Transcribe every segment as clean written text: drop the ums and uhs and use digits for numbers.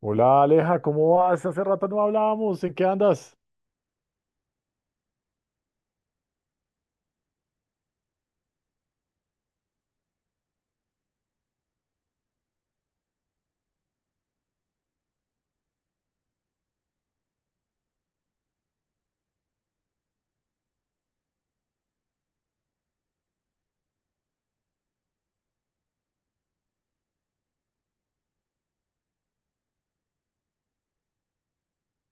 Hola Aleja, ¿cómo vas? Hace rato no hablábamos, ¿en qué andas?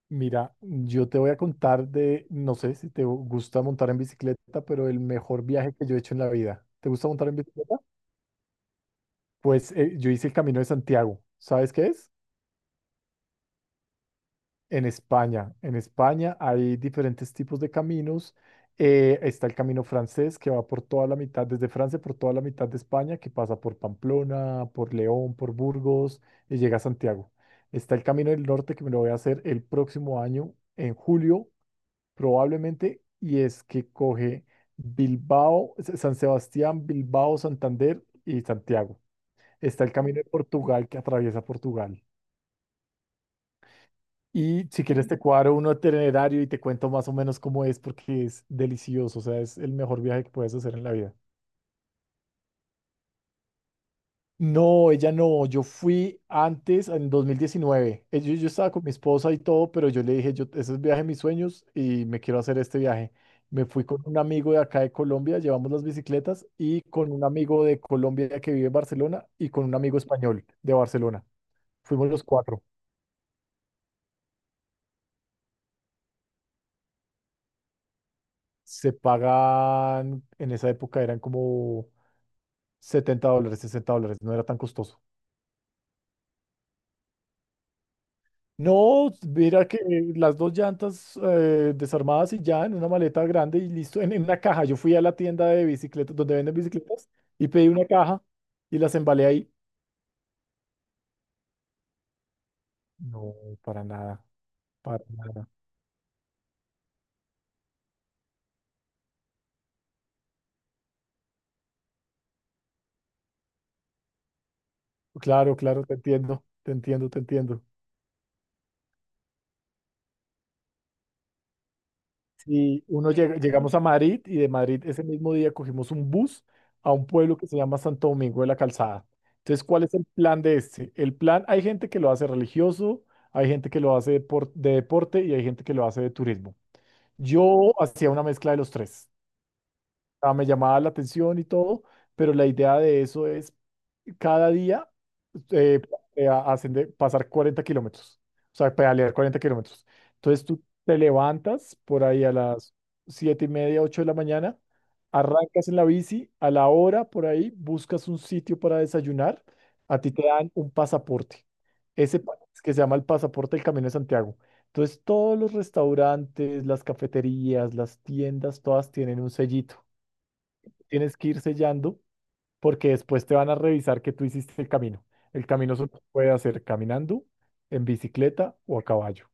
Mira, yo te voy a contar de, no sé si te gusta montar en bicicleta, pero el mejor viaje que yo he hecho en la vida. ¿Te gusta montar en bicicleta? Pues yo hice el Camino de Santiago. ¿Sabes qué es? En España hay diferentes tipos de caminos. Está el camino francés que va por toda la mitad, desde Francia por toda la mitad de España, que pasa por Pamplona, por León, por Burgos y llega a Santiago. Está el camino del norte que me lo voy a hacer el próximo año, en julio probablemente, y es que coge Bilbao, San Sebastián, Bilbao, Santander y Santiago. Está el camino de Portugal que atraviesa Portugal. Y si quieres te cuadro uno itinerario y te cuento más o menos cómo es porque es delicioso, o sea, es el mejor viaje que puedes hacer en la vida. No, ella no, yo fui antes, en 2019. Yo estaba con mi esposa y todo, pero yo le dije, yo, ese es el viaje de mis sueños y me quiero hacer este viaje. Me fui con un amigo de acá de Colombia, llevamos las bicicletas, y con un amigo de Colombia que vive en Barcelona y con un amigo español de Barcelona. Fuimos los cuatro. Se pagan, en esa época eran como 70 dólares, 60 dólares, no era tan costoso. No, mira que las dos llantas desarmadas y ya en una maleta grande y listo, en, una caja. Yo fui a la tienda de bicicletas, donde venden bicicletas, y pedí una caja y las embalé ahí. No, para nada, para nada. Claro, claro, te entiendo, te entiendo, te entiendo. Y llegamos a Madrid y de Madrid ese mismo día cogimos un bus a un pueblo que se llama Santo Domingo de la Calzada. Entonces, ¿cuál es el plan de este? El plan, hay gente que lo hace religioso, hay gente que lo hace de deporte y hay gente que lo hace de turismo. Yo hacía una mezcla de los tres. Ah, me llamaba la atención y todo, pero la idea de eso es cada día eh, hacen de pasar 40 kilómetros, o sea, pedalear 40 kilómetros. Entonces tú te levantas por ahí a las 7:30, 8 de la mañana, arrancas en la bici, a la hora por ahí buscas un sitio para desayunar, a ti te dan un pasaporte, ese pa- que se llama el pasaporte del Camino de Santiago. Entonces todos los restaurantes, las cafeterías, las tiendas, todas tienen un sellito. Tienes que ir sellando porque después te van a revisar que tú hiciste el camino. El camino solo se puede hacer caminando, en bicicleta o a caballo.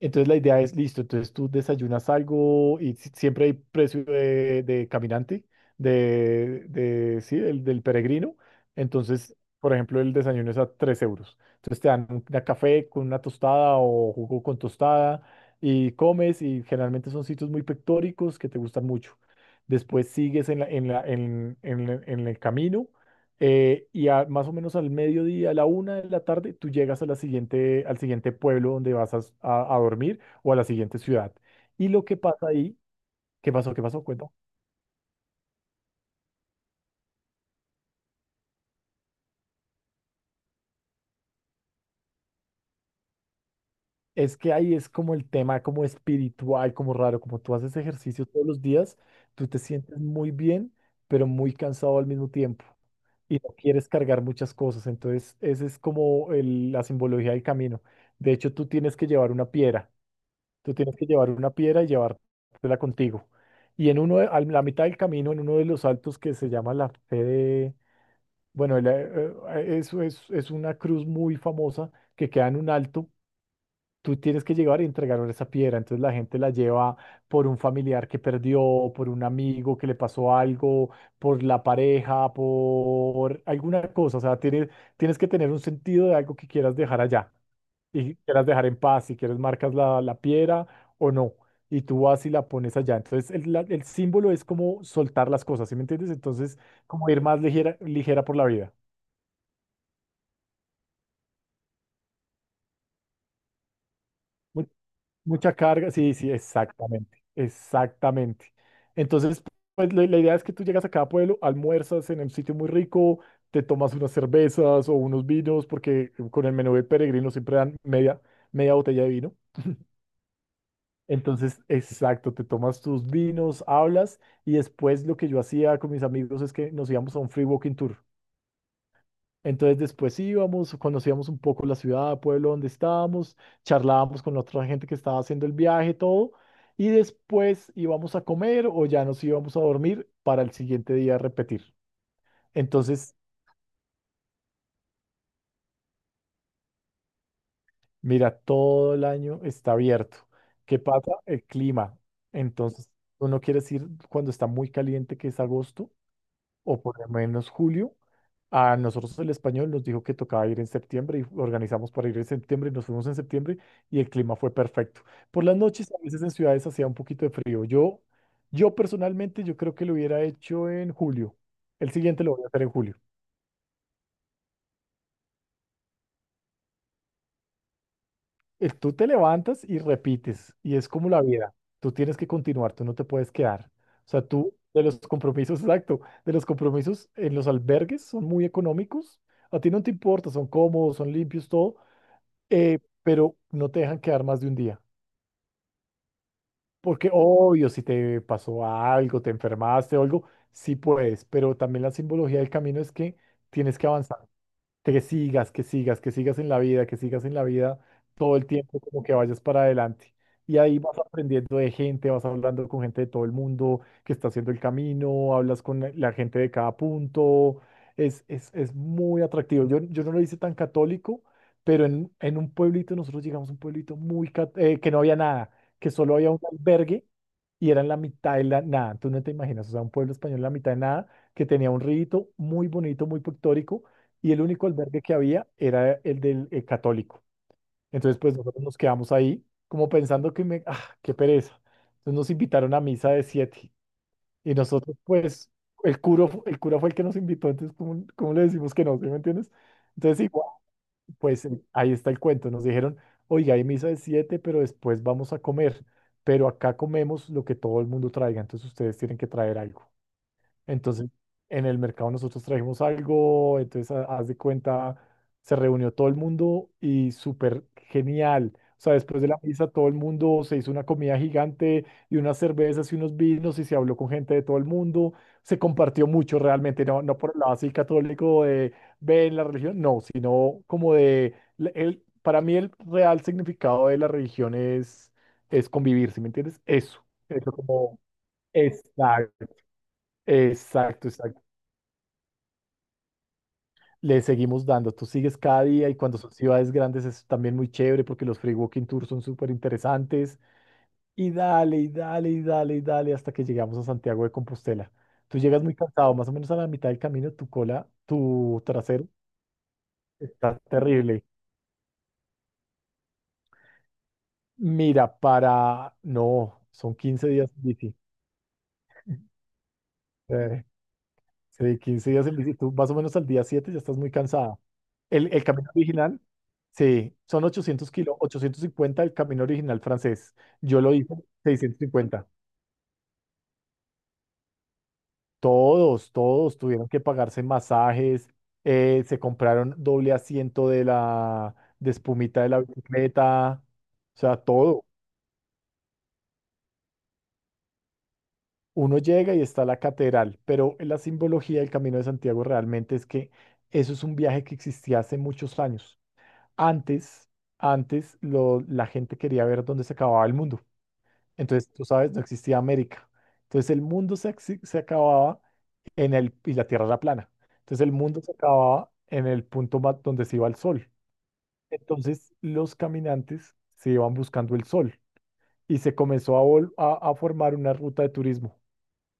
Entonces la idea es, listo, entonces tú desayunas algo y siempre hay precio de, caminante, de sí, del peregrino. Entonces, por ejemplo, el desayuno es a 3 euros. Entonces te dan una café con una tostada o jugo con tostada y comes y generalmente son sitios muy pictóricos que te gustan mucho. Después sigues en la- en la- en el camino y más o menos al mediodía, a la una de la tarde, tú llegas a la siguiente, al siguiente pueblo donde vas a dormir o a la siguiente ciudad. Y lo que pasa ahí, ¿qué pasó? ¿Qué pasó? Cuento. Es que ahí es como el tema, como espiritual, como raro, como tú haces ejercicio todos los días, tú te sientes muy bien, pero muy cansado al mismo tiempo y no quieres cargar muchas cosas. Entonces, esa es como la simbología del camino. De hecho, tú tienes que llevar una piedra. Tú tienes que llevar una piedra y llevártela contigo. Y en a la mitad del camino, en uno de los altos que se llama la fe bueno, eso es una cruz muy famosa que queda en un alto. Tú tienes que llegar y entregar esa piedra. Entonces la gente la lleva por un familiar que perdió, por un amigo que le pasó algo, por la pareja, por alguna cosa. O sea, tienes que tener un sentido de algo que quieras dejar allá y quieras dejar en paz, si quieres marcas la, piedra o no, y tú vas y la pones allá. Entonces el símbolo es como soltar las cosas, ¿sí me entiendes? Entonces como ir más ligera, ligera por la vida. Mu- Mucha carga, sí, sí, exactamente, exactamente. Entonces, pues la idea es que tú llegas a cada pueblo, almuerzas en un sitio muy rico, te tomas unas cervezas o unos vinos, porque con el menú de peregrino siempre dan media botella de vino. Entonces, exacto, te tomas tus vinos, hablas y después lo que yo hacía con mis amigos es que nos íbamos a un free walking tour. Entonces después íbamos, conocíamos un poco la ciudad, pueblo donde estábamos, charlábamos con la otra gente que estaba haciendo el viaje, todo, y después íbamos a comer o ya nos íbamos a dormir para el siguiente día repetir. Entonces, mira, todo el año está abierto. ¿Qué pasa? El clima. Entonces, tú no quieres ir cuando está muy caliente, que es agosto o por lo menos julio. A nosotros el español nos dijo que tocaba ir en septiembre y organizamos para ir en septiembre, y nos fuimos en septiembre y el clima fue perfecto. Por las noches, a veces en ciudades hacía un poquito de frío. Yo personalmente, yo creo que lo hubiera hecho en julio. El siguiente lo voy a hacer en julio. Tú te levantas y repites y es como la vida. Tú tienes que continuar, tú no te puedes quedar. O sea, tú de los compromisos, exacto, de los compromisos en los albergues son muy económicos. A ti no te importa, son cómodos, son limpios, todo pero no te dejan quedar más de un día. Porque obvio, si te pasó algo, te enfermaste o algo, sí puedes, pero también la simbología del camino es que tienes que avanzar, que sigas, que sigas, que sigas en la vida, que sigas en la vida todo el tiempo, como que vayas para adelante. Y ahí vas aprendiendo de gente, vas hablando con gente de todo el mundo que está haciendo el camino, hablas con la gente de cada punto. Es muy atractivo. Yo no lo hice tan católico, pero en, un pueblito, nosotros llegamos a un pueblito que no había nada, que solo había un albergue y era en la mitad de la nada. Tú no te imaginas, o sea, un pueblo español en la mitad de nada, que tenía un rito muy bonito, muy pictórico y el único albergue que había era el del católico. Entonces, pues nosotros nos quedamos ahí como pensando que me, ah, qué pereza. Entonces nos invitaron a misa de siete y nosotros, pues, el cura fue el que nos invitó, entonces, ¿cómo, cómo le decimos que no? ¿Sí me entiendes? Entonces, igual, pues ahí está el cuento. Nos dijeron, oiga, hay misa de siete, pero después vamos a comer, pero acá comemos lo que todo el mundo traiga, entonces ustedes tienen que traer algo. Entonces, en el mercado nosotros trajimos algo, entonces haz de cuenta, se reunió todo el mundo y súper genial. O sea, después de la misa todo el mundo se hizo una comida gigante y unas cervezas y unos vinos y se habló con gente de todo el mundo. Se compartió mucho realmente, no, no por el lado así católico de ven la religión, no, sino como para mí el real significado de la religión es convivir, ¿sí me entiendes? Eso como exacto. Exacto, exacto. Le seguimos dando. Tú sigues cada día y cuando son ciudades grandes es también muy chévere porque los free walking tours son súper interesantes. Y dale, y dale, y dale, y dale hasta que llegamos a Santiago de Compostela. Tú llegas muy cansado, más o menos a la mitad del camino, tu cola, tu trasero está terrible. Mira, para... No, son 15 días en bici. Sí. Sí, 15 días en bici, tú más o menos al día 7 ya estás muy cansada. El camino original, sí, son 800 kilos, 850 el camino original francés. Yo lo hice 650. Todos tuvieron que pagarse masajes, se compraron doble asiento de la de espumita de la bicicleta, o sea, todo. Uno llega y está la catedral, pero la simbología del Camino de Santiago realmente es que eso es un viaje que existía hace muchos años. Antes, la gente quería ver dónde se acababa el mundo. Entonces, tú sabes, no existía América. Entonces, el mundo se acababa en el, y la Tierra era plana. Entonces, el mundo se acababa en el punto donde se iba el sol. Entonces, los caminantes se iban buscando el sol y se comenzó a formar una ruta de turismo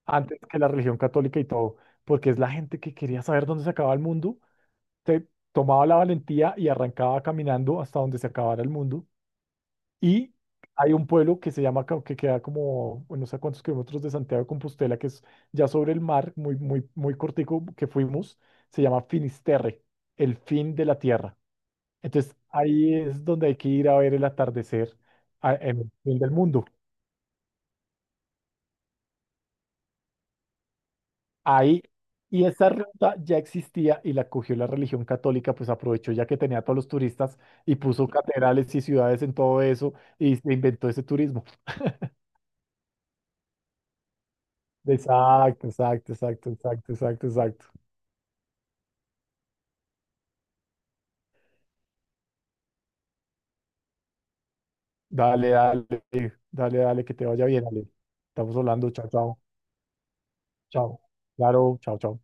antes que la religión católica y todo, porque es la gente que quería saber dónde se acababa el mundo, se tomaba la valentía y arrancaba caminando hasta donde se acabara el mundo. Y hay un pueblo que se llama, que queda como, bueno, no sé a cuántos kilómetros de Santiago de Compostela, que es ya sobre el mar, muy, muy, muy cortico que fuimos, se llama Finisterre, el fin de la tierra. Entonces ahí es donde hay que ir a ver el atardecer en el fin del mundo. Ahí, y esa ruta ya existía y la cogió la religión católica, pues aprovechó ya que tenía a todos los turistas y puso catedrales y ciudades en todo eso y se inventó ese turismo. Exacto, exacto, exacto, exacto, exacto, exacto. Dale, dale, dale, dale, que te vaya bien, dale. Estamos hablando, chao, chao, chao. Claro, chao, chao.